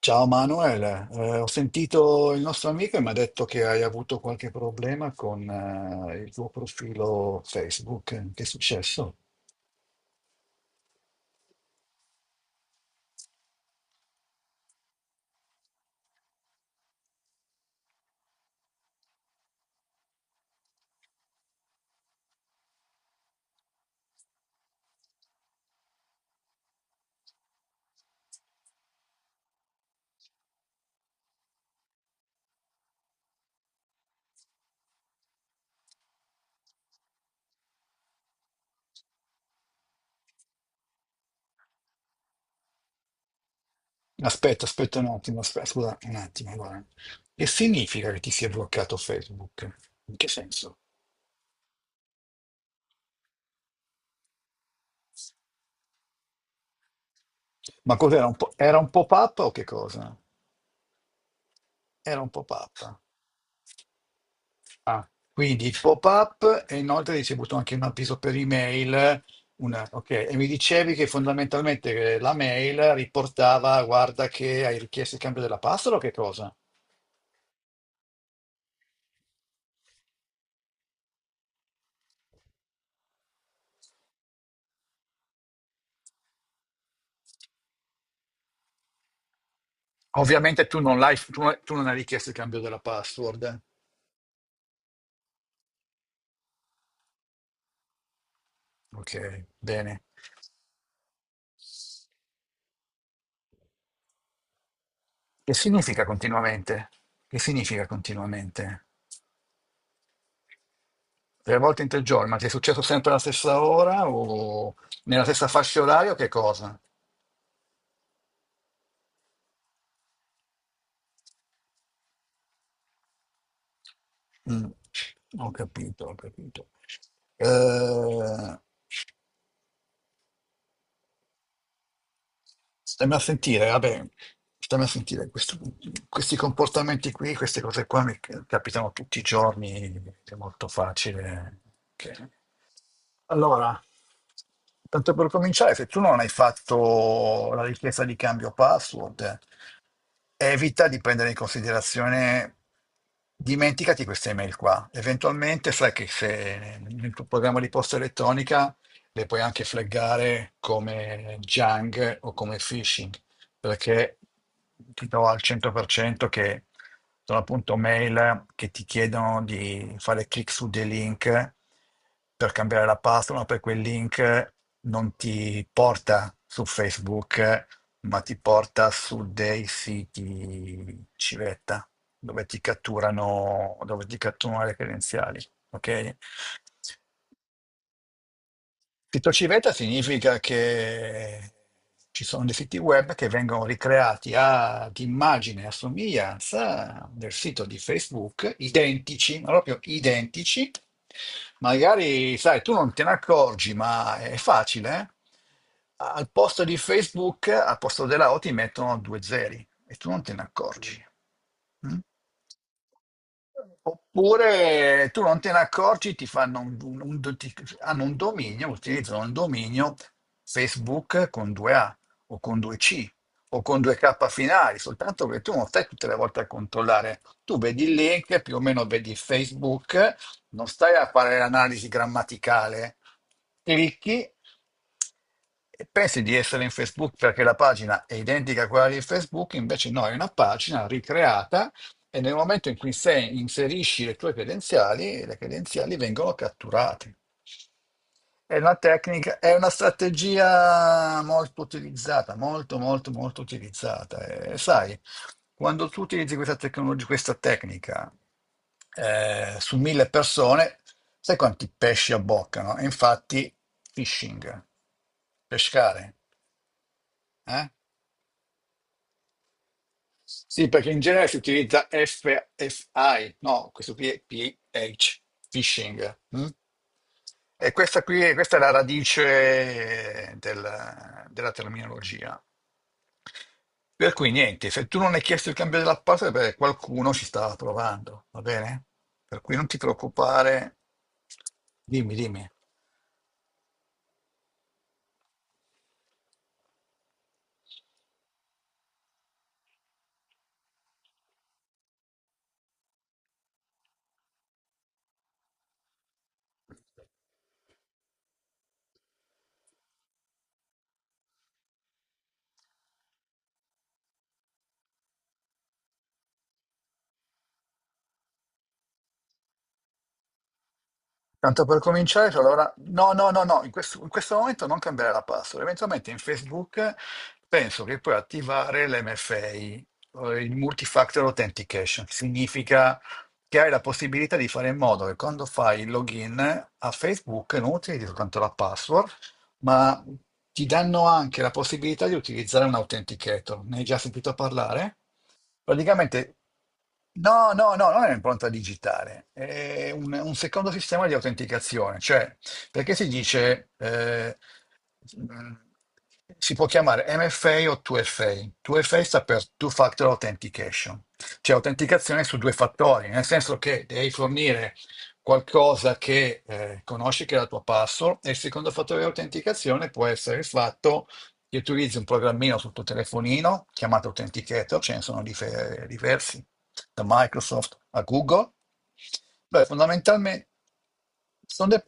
Ciao Manuel, ho sentito il nostro amico e mi ha detto che hai avuto qualche problema con il tuo profilo Facebook. Che è successo? Aspetta, aspetta un attimo, aspetta, scusa un attimo. Guarda. Che significa che ti sia bloccato Facebook? In che senso? Ma cos'era un po', era un pop-up o che cosa? Era un pop-up. Ah, quindi pop-up e inoltre hai ricevuto anche un avviso per email. Una, ok, e mi dicevi che fondamentalmente la mail riportava, guarda che hai richiesto il cambio della password o che cosa? Ovviamente tu non l'hai, tu non hai richiesto il cambio della password. Ok, bene. Che significa continuamente? Che significa continuamente? Tre volte in 3 giorni, ma ti è successo sempre alla stessa ora o nella stessa fascia oraria o che cosa? Mm. Ho capito, ho capito. Eh, stiamo a sentire, vabbè, stiamo a sentire questi comportamenti qui, queste cose qua mi capitano tutti i giorni, è molto facile. che- Allora, tanto per cominciare, se tu non hai fatto la richiesta di cambio password, evita di prendere in considerazione, dimenticati queste email qua. Eventualmente sai che se nel tuo programma di posta elettronica le puoi anche flaggare come junk o come phishing, perché ti do al 100% che sono appunto mail che ti chiedono di fare clic su dei link per cambiare la password, ma poi quel link non ti porta su Facebook, ma ti porta su dei siti civetta dove ti catturano le credenziali, ok? Sito civetta significa che ci sono dei siti web che vengono ricreati ad immagine e a somiglianza del sito di Facebook, identici, ma proprio identici. Magari, sai, tu non te ne accorgi, ma è facile. Eh? Al posto di Facebook, al posto della O ti mettono due zeri e tu non te ne accorgi. Mm? Oppure tu non te ne accorgi, ti fanno hanno un dominio, utilizzano un dominio Facebook con 2A o con 2C o con 2K finali, soltanto che tu non stai tutte le volte a controllare. Tu vedi il link, più o meno vedi Facebook, non stai a fare l'analisi grammaticale, clicchi e pensi di essere in Facebook perché la pagina è identica a quella di Facebook, invece no, è una pagina ricreata e nel momento in cui se inserisci le tue credenziali, le credenziali vengono catturate. È una tecnica, è una strategia molto utilizzata, molto, molto, molto utilizzata. E sai, quando tu utilizzi questa tecnologia, questa tecnica su 1.000 persone, sai quanti pesci abboccano? E infatti, phishing, pescare. Eh? Sì, perché in genere si utilizza FFI, no, questo qui è PH, phishing. Mm? E questa qui, questa è la radice della terminologia. Per cui niente, se tu non hai chiesto il cambio della password, beh, qualcuno ci stava provando, va bene? Per cui non ti preoccupare. Dimmi, dimmi. Tanto per cominciare, cioè, allora, no, no, no, no, in questo momento non cambiare la password. Eventualmente in Facebook penso che puoi attivare l'MFA, il Multi-Factor Authentication, che significa che hai la possibilità di fare in modo che quando fai il login a Facebook non utilizzi soltanto la password, ma ti danno anche la possibilità di utilizzare un authenticator. Ne hai già sentito parlare? Praticamente, no, no, no, non è un'impronta digitale, è un secondo sistema di autenticazione, cioè perché si dice, mh, si può chiamare MFA o 2FA. 2FA sta per Two Factor Authentication, cioè autenticazione su due fattori, nel senso che devi fornire qualcosa che conosci che è la tua password e il secondo fattore di autenticazione può essere il fatto che utilizzi un programmino sul tuo telefonino chiamato Authenticator, ce ne sono diversi, da Microsoft a Google. Beh, fondamentalmente sono, dei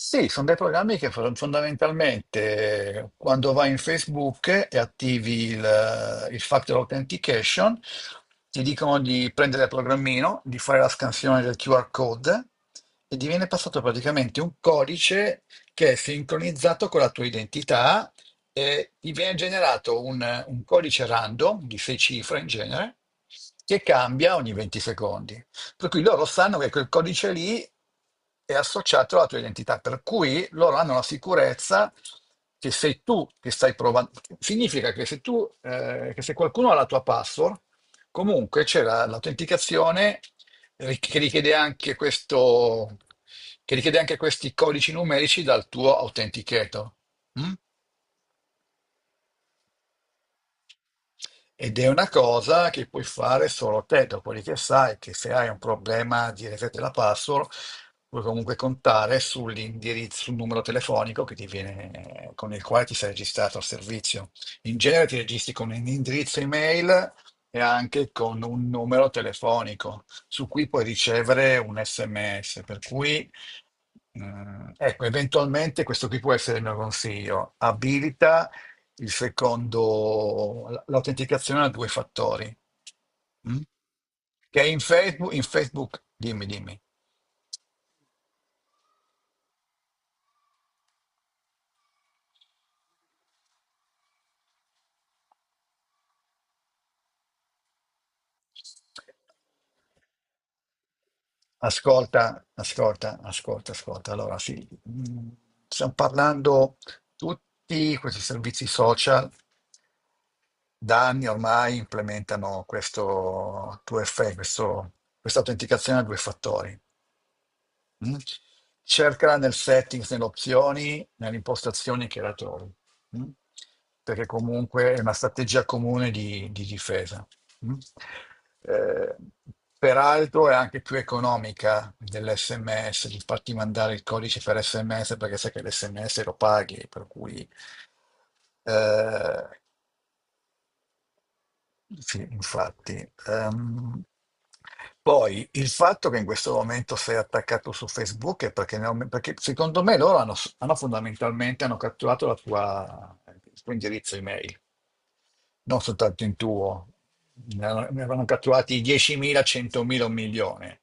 sì, sono dei programmi che fondamentalmente quando vai in Facebook e attivi il Factor Authentication, ti dicono di prendere il programmino, di fare la scansione del QR code e ti viene passato praticamente un codice che è sincronizzato con la tua identità e ti viene generato un codice random di sei cifre in genere che cambia ogni 20 secondi. Per cui loro sanno che quel codice lì è associato alla tua identità, per cui loro hanno la sicurezza che sei tu che stai provando. Significa che se qualcuno ha la tua password, comunque c'è l'autenticazione che richiede anche questo, che richiede anche questi codici numerici dal tuo autenticator. Mm? Ed è una cosa che puoi fare solo te, dopodiché sai che se hai un problema di reset della password, puoi comunque contare sull'indirizzo, sul numero telefonico che ti viene, con il quale ti sei registrato al servizio. In genere ti registri con un indirizzo email e anche con un numero telefonico su cui puoi ricevere un SMS, per cui ecco, eventualmente questo qui può essere il mio consiglio. Abilita il secondo, l'autenticazione a due fattori. Mm? Che in Facebook, dimmi, dimmi. Ascolta, ascolta, ascolta, ascolta. Allora, sì, stiamo parlando, tutti questi servizi social da anni ormai implementano questo 2FA, questa autenticazione a due fattori. Mm? Cercala nel settings, nelle opzioni, nelle impostazioni che la trovi. Mm? Perché comunque è una strategia comune di difesa. Mm? Eh, peraltro è anche più economica dell'SMS, di farti mandare il codice per SMS perché sai che l'SMS lo paghi, per cui eh, sì, infatti. Poi il fatto che in questo momento sei attaccato su Facebook è perché, perché secondo me loro hanno, hanno fondamentalmente hanno catturato il tuo indirizzo email, non soltanto il tuo. Ne avevano catturati 10.000, 100.000, un milione.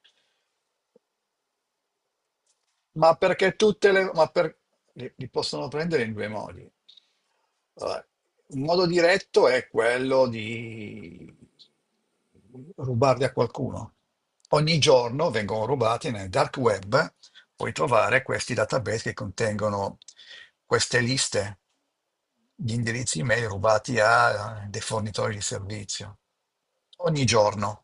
Ma perché tutte le... Li possono prendere in due modi. Allora, un modo diretto è quello di rubarli a qualcuno. Ogni giorno vengono rubati nel dark web, puoi trovare questi database che contengono queste liste di indirizzi email rubati a dei fornitori di servizio. Ogni giorno.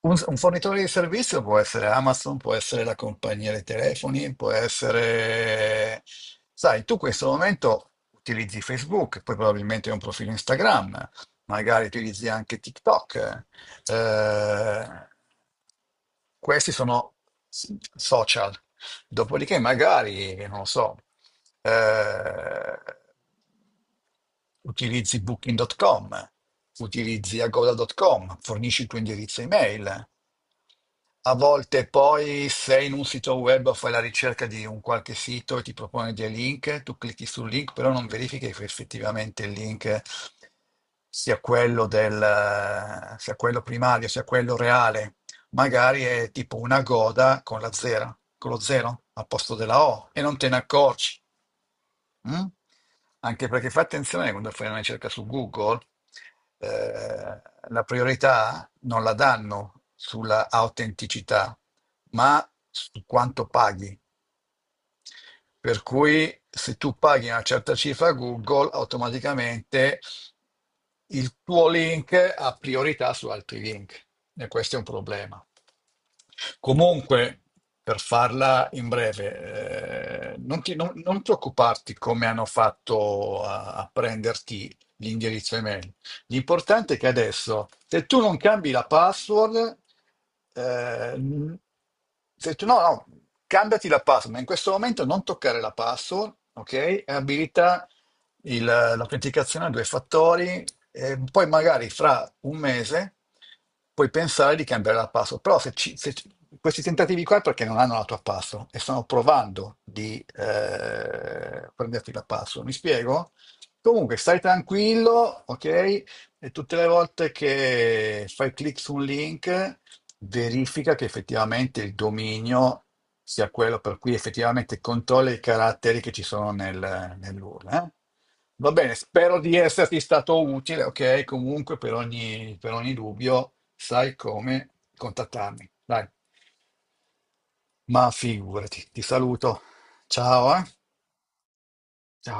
Un fornitore di servizio può essere Amazon, può essere la compagnia dei telefoni, può essere... Sai, tu in questo momento utilizzi Facebook, poi probabilmente hai un profilo Instagram, magari utilizzi anche TikTok. eh, questi sono social. Dopodiché, magari, non lo so, eh, utilizzi booking.com, utilizzi agoda.com, fornisci il tuo indirizzo email. A volte poi sei in un sito web o fai la ricerca di un qualche sito e ti propone dei link, tu clicchi sul link, però non verifichi che effettivamente il link sia quello primario, sia quello reale magari è tipo una goda con la zera, con lo zero al posto della O e non te ne accorgi. Mm? Anche perché fai attenzione quando fai una ricerca su Google, eh, la priorità non la danno sulla autenticità, ma su quanto paghi. Per cui se tu paghi una certa cifra a Google, automaticamente il tuo link ha priorità su altri link e questo è un problema. Comunque, per farla in breve, non, ti- non- non preoccuparti come hanno fatto a prenderti l'indirizzo email. L'importante è che adesso, se tu non cambi la password, eh, se tu, no, no, cambiati la password, ma in questo momento non toccare la password, ok? E abilita l'autenticazione a due fattori, e poi magari fra un mese puoi pensare di cambiare la password. Però se, ci- se ci- questi tentativi qua è perché non hanno la tua password e stanno provando di prenderti la password, mi spiego? Comunque stai tranquillo, ok? E tutte le volte che fai clic su un link, verifica che effettivamente il dominio sia quello per cui effettivamente controlla i caratteri che ci sono nell'URL. Va bene, spero di esserti stato utile, ok? Comunque per ogni dubbio sai come contattarmi. Dai, ma figurati, ti saluto. Ciao, eh? Ciao.